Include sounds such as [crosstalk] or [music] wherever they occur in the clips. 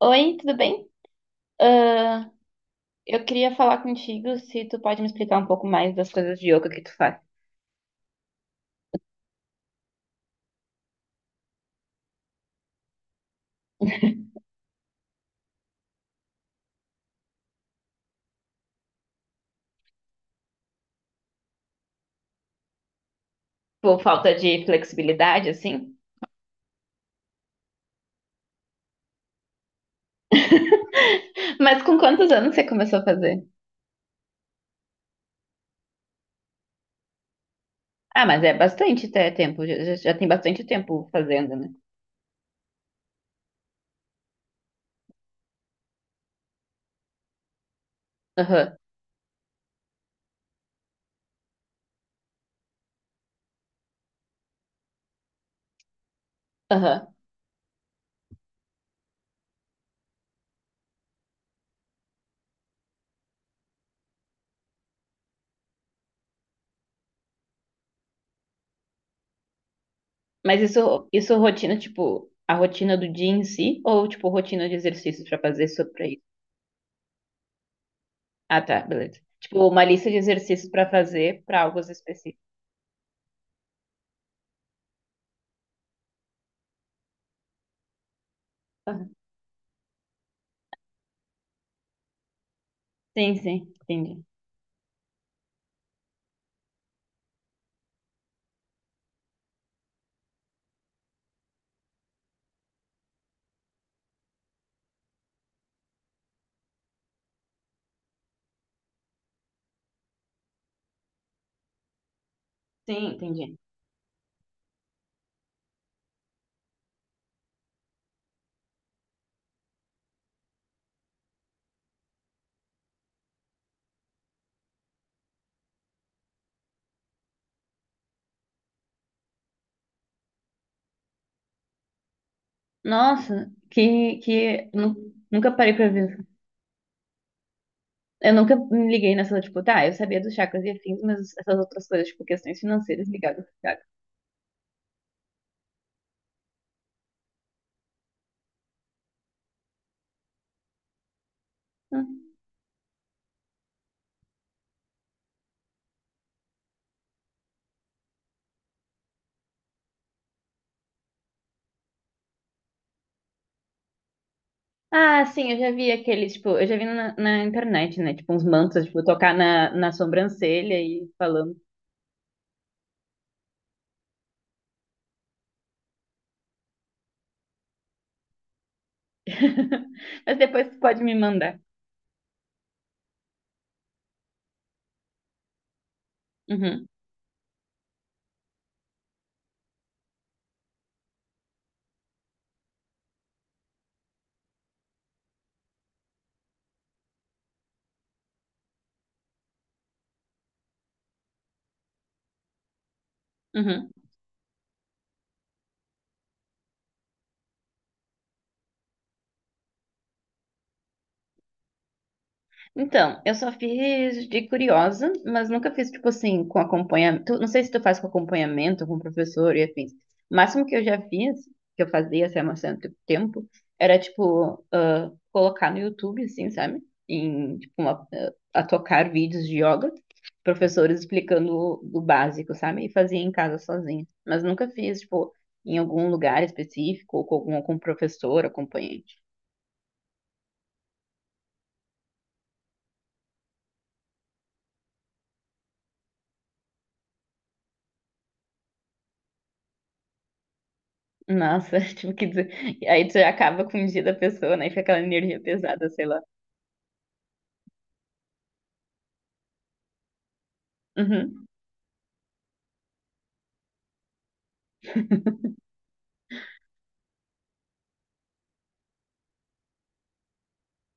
Oi, tudo bem? Ah, eu queria falar contigo se tu pode me explicar um pouco mais das coisas de yoga que tu faz. Por falta de flexibilidade, assim? [laughs] Mas com quantos anos você começou a fazer? Ah, mas é bastante até tempo, já tem bastante tempo fazendo, né? Aham, aham. Mas isso rotina, tipo, a rotina do dia em si? Ou, tipo, rotina de exercícios pra fazer só pra isso? Ah, tá, beleza. Tipo, uma lista de exercícios pra fazer pra algo específicos. Aham. Sim, sim, entendi. Sim, entendi. Nossa, que nunca parei pra ver. Eu nunca me liguei nessa, tipo, tá, eu sabia dos chakras e afins, mas essas outras coisas, tipo, questões financeiras ligadas a chakras. Ah, sim, eu já vi aqueles, tipo, eu já vi na internet, né? Tipo, uns mantras, tipo, tocar na sobrancelha e falando. [laughs] Mas depois tu pode me mandar. Uhum, uhum. Então, eu só fiz de curiosa, mas nunca fiz, tipo assim, com acompanhamento. Não sei se tu faz com acompanhamento, com professor e afins. O máximo que eu já fiz, que eu fazia, assim, há um certo tempo, era, tipo, ah, colocar no YouTube, assim, sabe? Em, tipo, a tocar vídeos de yoga, professores explicando o básico, sabe? E fazia em casa sozinha. Mas nunca fiz, tipo, em algum lugar específico, ou com algum, com professor, acompanhante. Nossa, [laughs] tipo, que dizer. Aí tu já acaba com o dia da pessoa, né? E fica aquela energia pesada, sei lá. Uhum,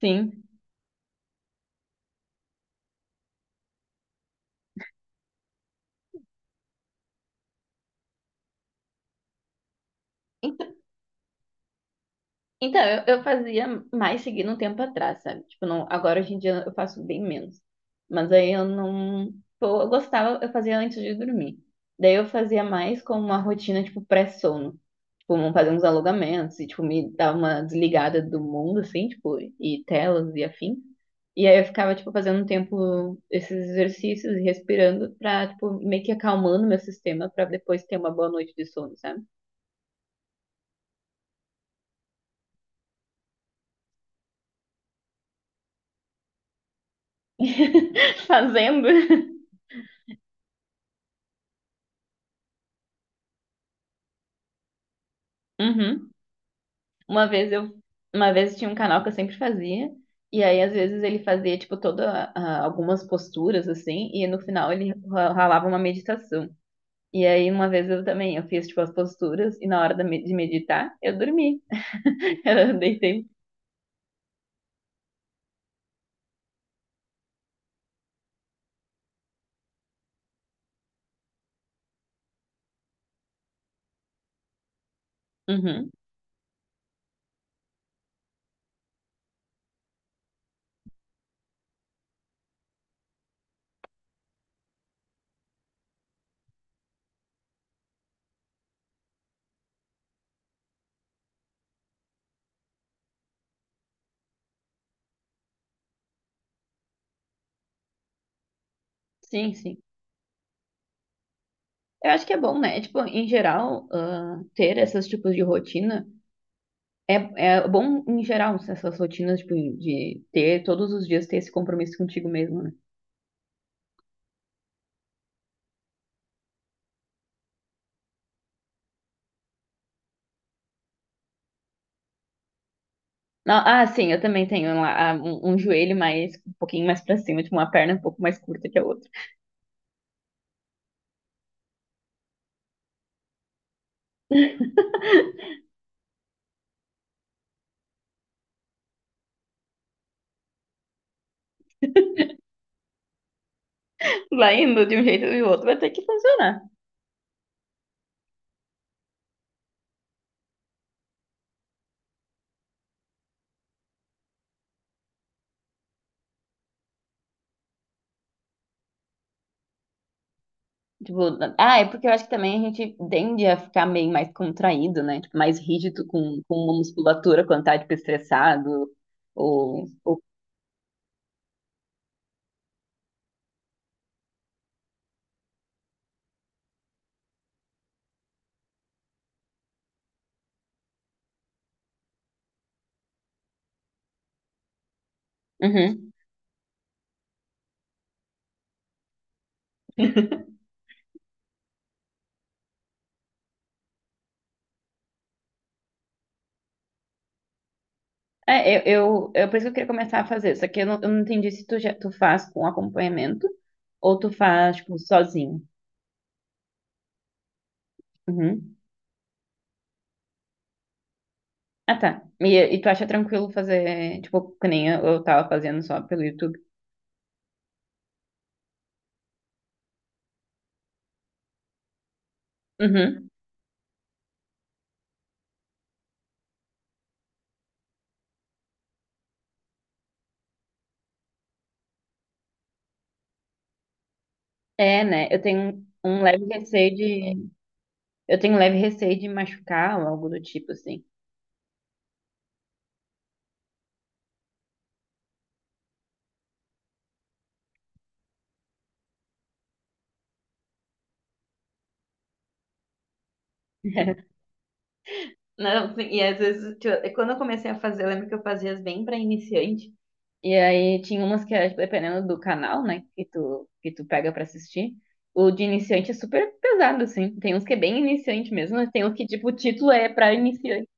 sim. Então, eu fazia mais seguindo um tempo atrás, sabe? Tipo, não, agora hoje em dia eu faço bem menos. Mas aí eu não. Pô, eu gostava, eu fazia antes de dormir. Daí eu fazia mais como uma rotina, tipo, pré-sono. Tipo, fazer uns alongamentos e, tipo, me dar uma desligada do mundo, assim, tipo, e telas e afim. E aí eu ficava, tipo, fazendo um tempo esses exercícios e respirando pra, tipo, meio que acalmando meu sistema pra depois ter uma boa noite de sono, sabe? [laughs] Fazendo. Uhum. Uma vez eu, uma vez tinha um canal que eu sempre fazia, e aí às vezes ele fazia tipo algumas posturas assim, e no final ele ralava uma meditação. E aí uma vez eu também, eu fiz tipo as posturas e na hora de meditar, eu dormi. [laughs] Eu deitei. Uhum. Sim, sim. Eu acho que é bom, né? É, tipo, em geral, ah, ter esses tipos de rotina é, é bom em geral, essas rotinas tipo de ter todos os dias ter esse compromisso contigo mesmo, né? Não, ah, sim, eu também tenho um joelho mais, um pouquinho mais pra cima, tipo, uma perna um pouco mais curta que a outra. [laughs] Lá indo de um jeito ou de outro vai ter que funcionar. Tipo, é porque eu acho que também a gente tende a ficar meio mais contraído, né? Tipo, mais rígido com uma musculatura quando tá, tipo, estressado ou... ou... Uhum. É, eu, por isso que eu queria começar a fazer, só que eu não entendi se tu faz com acompanhamento ou tu faz, tipo, sozinho. Uhum. Ah, tá. E tu acha tranquilo fazer, tipo, que nem eu tava fazendo só pelo YouTube? Uhum. É, né? Eu tenho um leve receio de machucar ou algo do tipo, assim. [laughs] Não, sim, e às vezes, tipo, é quando eu comecei a fazer, eu lembro que eu fazia as bem pra iniciante. E aí tinha umas que, era, tipo, dependendo do canal, né, que tu pega pra assistir, o de iniciante é super pesado, assim. Tem uns que é bem iniciante mesmo, mas tem uns que, tipo, o título é pra iniciante.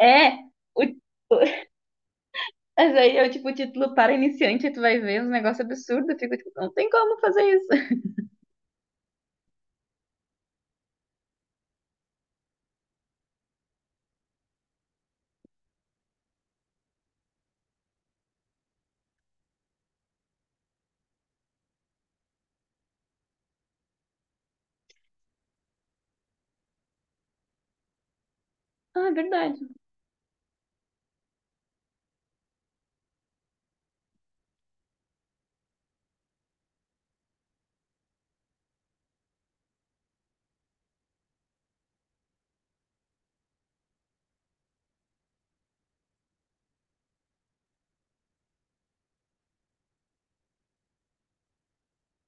É! O, Mas aí eu, tipo, título para iniciante, aí tu vai ver uns negócios absurdos, eu fico, tipo, não tem como fazer isso. [laughs] Ah, é verdade.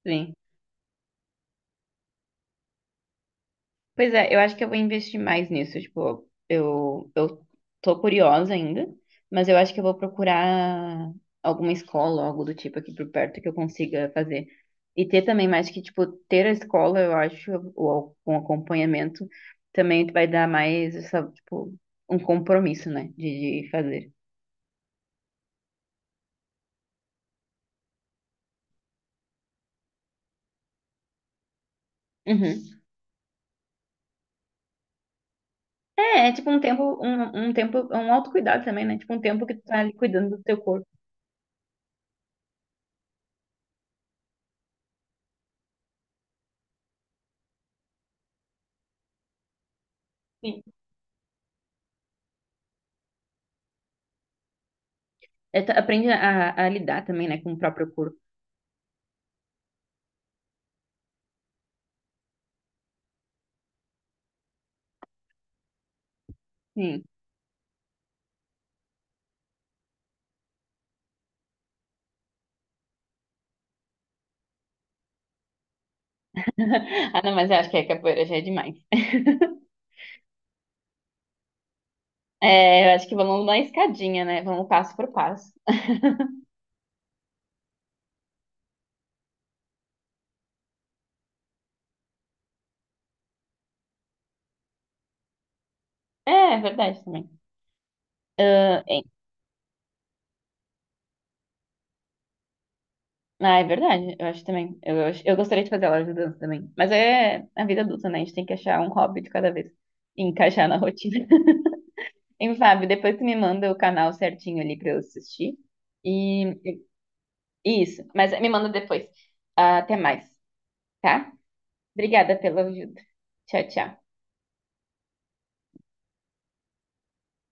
Sim. Pois é, eu acho que eu vou investir mais nisso. Tipo, eu tô curiosa ainda, mas eu acho que eu vou procurar alguma escola, algo do tipo aqui por perto que eu consiga fazer. E ter também mais que, tipo, ter a escola, eu acho, ou com acompanhamento, também tu vai dar mais essa, tipo, um compromisso, né, de fazer. Uhum. É tipo um tempo, um tempo, um autocuidado também, né? Tipo um tempo que tu tá ali cuidando do teu corpo. Sim. É, tu aprende a lidar também, né, com o próprio corpo. Sim. [laughs] Ah, não, mas eu acho que a capoeira já é demais. [laughs] É, eu acho que vamos na escadinha, né? Vamos passo por passo. É, é verdade também. Ah, é, ah, é verdade, eu acho também. Eu gostaria de fazer aula de dança também. Mas é a vida adulta, né? A gente tem que achar um hobby de cada vez e encaixar na rotina. [laughs] E, Fábio, depois tu me manda o canal certinho ali pra eu assistir. E e isso, mas me manda depois. Ah, até mais, tá? Obrigada pela ajuda. Tchau, tchau.